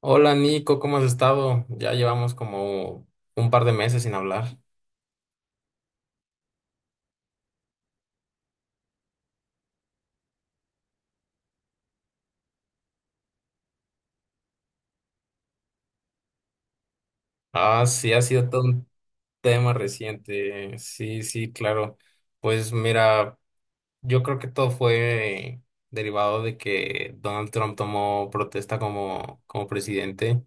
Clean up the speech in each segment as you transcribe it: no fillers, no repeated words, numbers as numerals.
Hola Nico, ¿cómo has estado? Ya llevamos como un par de meses sin hablar. Ah, sí, ha sido todo un tema reciente. Sí, sí, claro. Pues mira, yo creo que todo fue derivado de que Donald Trump tomó protesta como presidente.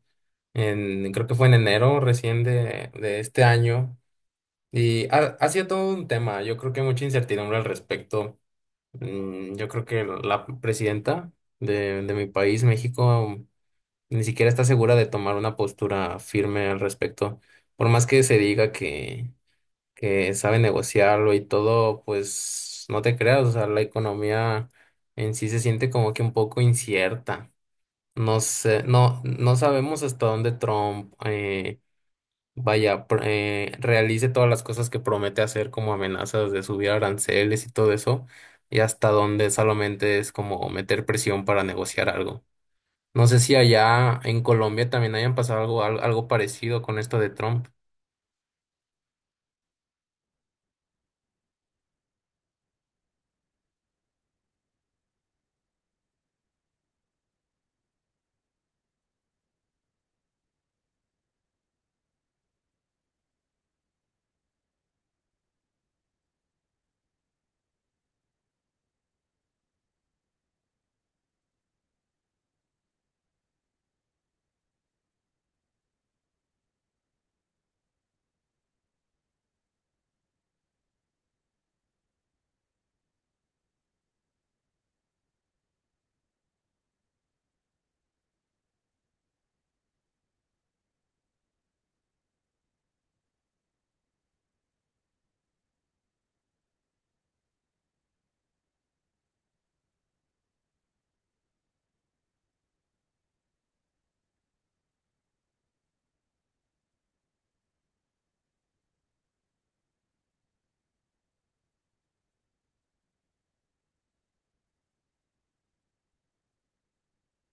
Creo que fue en enero recién de este año. Y ha sido todo un tema. Yo creo que mucha incertidumbre al respecto. Yo creo que la presidenta de mi país, México, ni siquiera está segura de tomar una postura firme al respecto. Por más que se diga que sabe negociarlo y todo, pues no te creas, o sea, la economía en sí se siente como que un poco incierta. No sé, no, no sabemos hasta dónde Trump vaya, realice todas las cosas que promete hacer como amenazas de subir aranceles y todo eso, y hasta dónde solamente es como meter presión para negociar algo. No sé si allá en Colombia también hayan pasado algo, algo parecido con esto de Trump.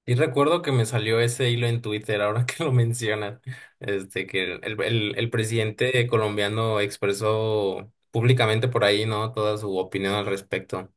Y recuerdo que me salió ese hilo en Twitter, ahora que lo mencionas, que el presidente colombiano expresó públicamente por ahí, ¿no? Toda su opinión al respecto.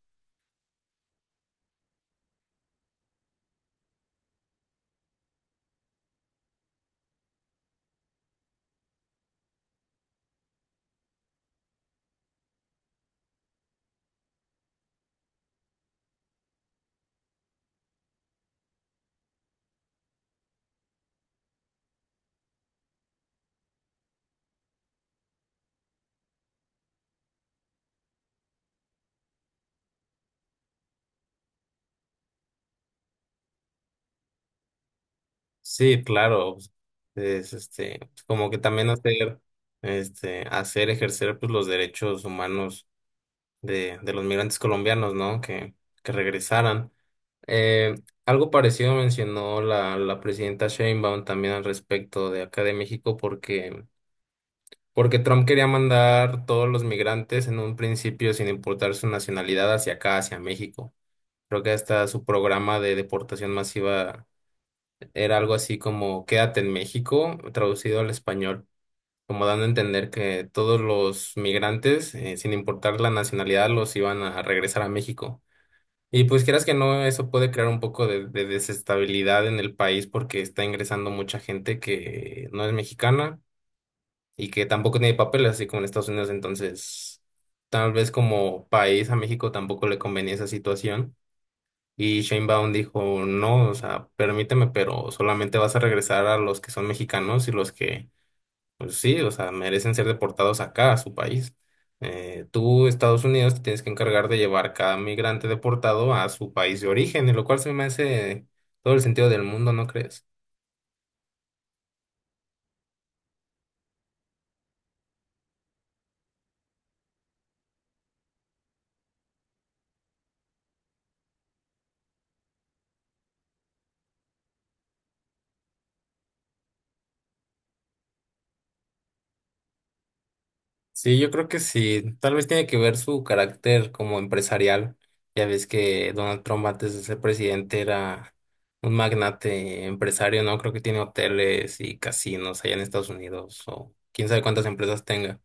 Sí, claro. Como que también hacer, hacer ejercer pues, los derechos humanos de los migrantes colombianos, ¿no? Que regresaran. Eh, Algo parecido mencionó la presidenta Sheinbaum también al respecto de acá de México, porque Trump quería mandar todos los migrantes en un principio sin importar su nacionalidad hacia acá, hacia México. Creo que hasta su programa de deportación masiva era algo así como Quédate en México, traducido al español, como dando a entender que todos los migrantes, sin importar la nacionalidad, los iban a regresar a México. Y pues quieras que no, eso puede crear un poco de desestabilidad en el país porque está ingresando mucha gente que no es mexicana y que tampoco tiene papeles, así como en Estados Unidos. Entonces, tal vez como país a México tampoco le convenía esa situación. Y Sheinbaum dijo, no, o sea, permíteme, pero solamente vas a regresar a los que son mexicanos y los que pues sí, o sea, merecen ser deportados acá, a su país. Tú, Estados Unidos, te tienes que encargar de llevar cada migrante deportado a su país de origen, y lo cual se me hace todo el sentido del mundo, ¿no crees? Sí, yo creo que sí. Tal vez tiene que ver su carácter como empresarial. Ya ves que Donald Trump antes de ser presidente era un magnate empresario, ¿no? Creo que tiene hoteles y casinos allá en Estados Unidos o quién sabe cuántas empresas tenga.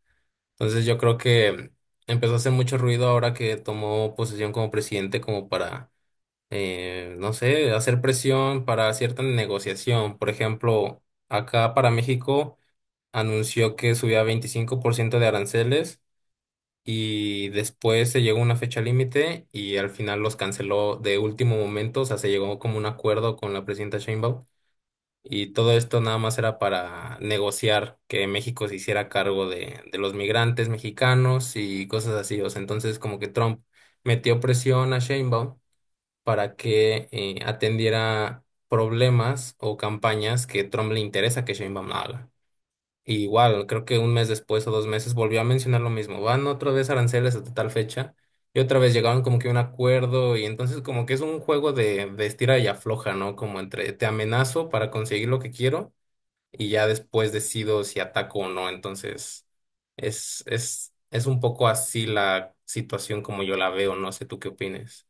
Entonces yo creo que empezó a hacer mucho ruido ahora que tomó posesión como presidente como para, no sé, hacer presión para cierta negociación. Por ejemplo, acá para México anunció que subía 25% de aranceles y después se llegó a una fecha límite y al final los canceló de último momento. O sea, se llegó como un acuerdo con la presidenta Sheinbaum y todo esto nada más era para negociar que México se hiciera cargo de los migrantes mexicanos y cosas así. O sea, entonces como que Trump metió presión a Sheinbaum para que atendiera problemas o campañas que Trump le interesa que Sheinbaum haga. Y igual, creo que un mes después o dos meses volvió a mencionar lo mismo. Van otra vez aranceles hasta tal fecha y otra vez llegaron como que a un acuerdo y entonces como que es un juego de estira y afloja, ¿no? Como entre te amenazo para conseguir lo que quiero y ya después decido si ataco o no. Entonces, es un poco así la situación como yo la veo, no sé tú qué opines.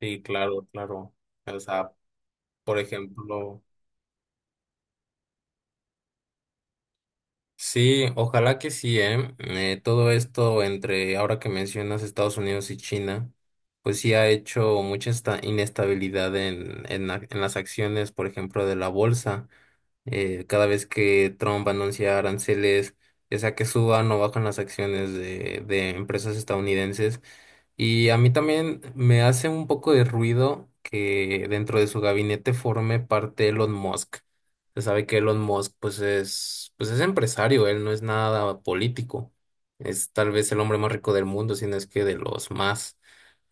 Sí, claro, claro. O sea, por ejemplo, sí, ojalá que sí, ¿eh? Todo esto entre ahora que mencionas Estados Unidos y China, pues sí ha hecho mucha esta inestabilidad en las acciones, por ejemplo, de la bolsa. Cada vez que Trump anuncia aranceles, ya sea que suban o bajan las acciones de empresas estadounidenses. Y a mí también me hace un poco de ruido que dentro de su gabinete forme parte Elon Musk. Se sabe que Elon Musk pues es empresario, él no es nada político. Es tal vez el hombre más rico del mundo, si no es que de los más.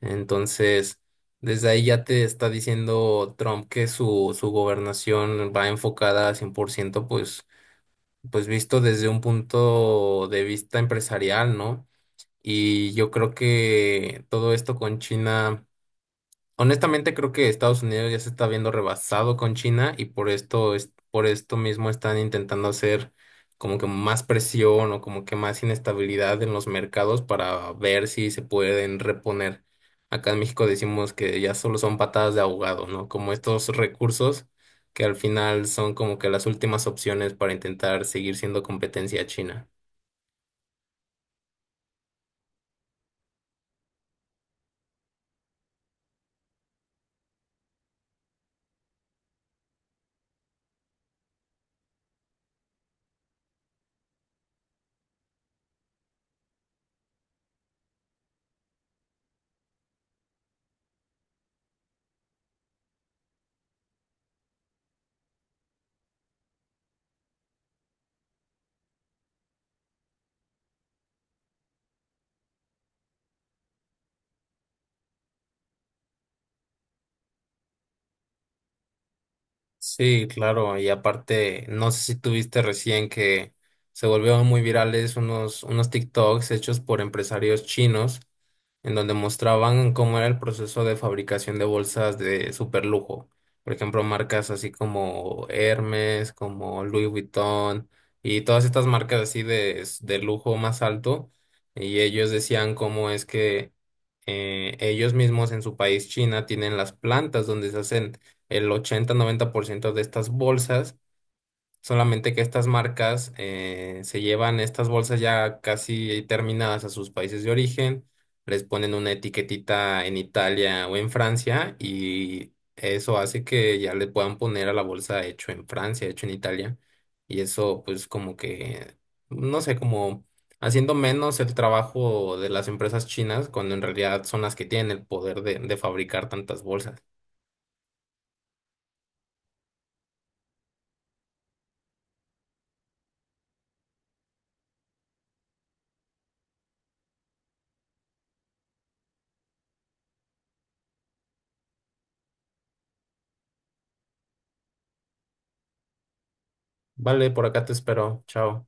Entonces. Desde ahí ya te está diciendo Trump que su gobernación va enfocada al 100% pues visto desde un punto de vista empresarial, ¿no? Y yo creo que todo esto con China. Honestamente, creo que Estados Unidos ya se está viendo rebasado con China y por esto mismo están intentando hacer como que más presión o como que más inestabilidad en los mercados para ver si se pueden reponer. Acá en México decimos que ya solo son patadas de ahogado, ¿no? Como estos recursos que al final son como que las últimas opciones para intentar seguir siendo competencia a China. Sí, claro, y aparte, no sé si tuviste recién que se volvieron muy virales unos TikToks hechos por empresarios chinos, en donde mostraban cómo era el proceso de fabricación de bolsas de super lujo. Por ejemplo, marcas así como Hermes, como Louis Vuitton, y todas estas marcas así de lujo más alto, y ellos decían cómo es que ellos mismos en su país, China, tienen las plantas donde se hacen el 80-90% de estas bolsas, solamente que estas marcas se llevan estas bolsas ya casi terminadas a sus países de origen, les ponen una etiquetita en Italia o en Francia y eso hace que ya le puedan poner a la bolsa hecho en Francia, hecho en Italia y eso pues como que, no sé, como haciendo menos el trabajo de las empresas chinas cuando en realidad son las que tienen el poder de fabricar tantas bolsas. Vale, por acá te espero. Chao.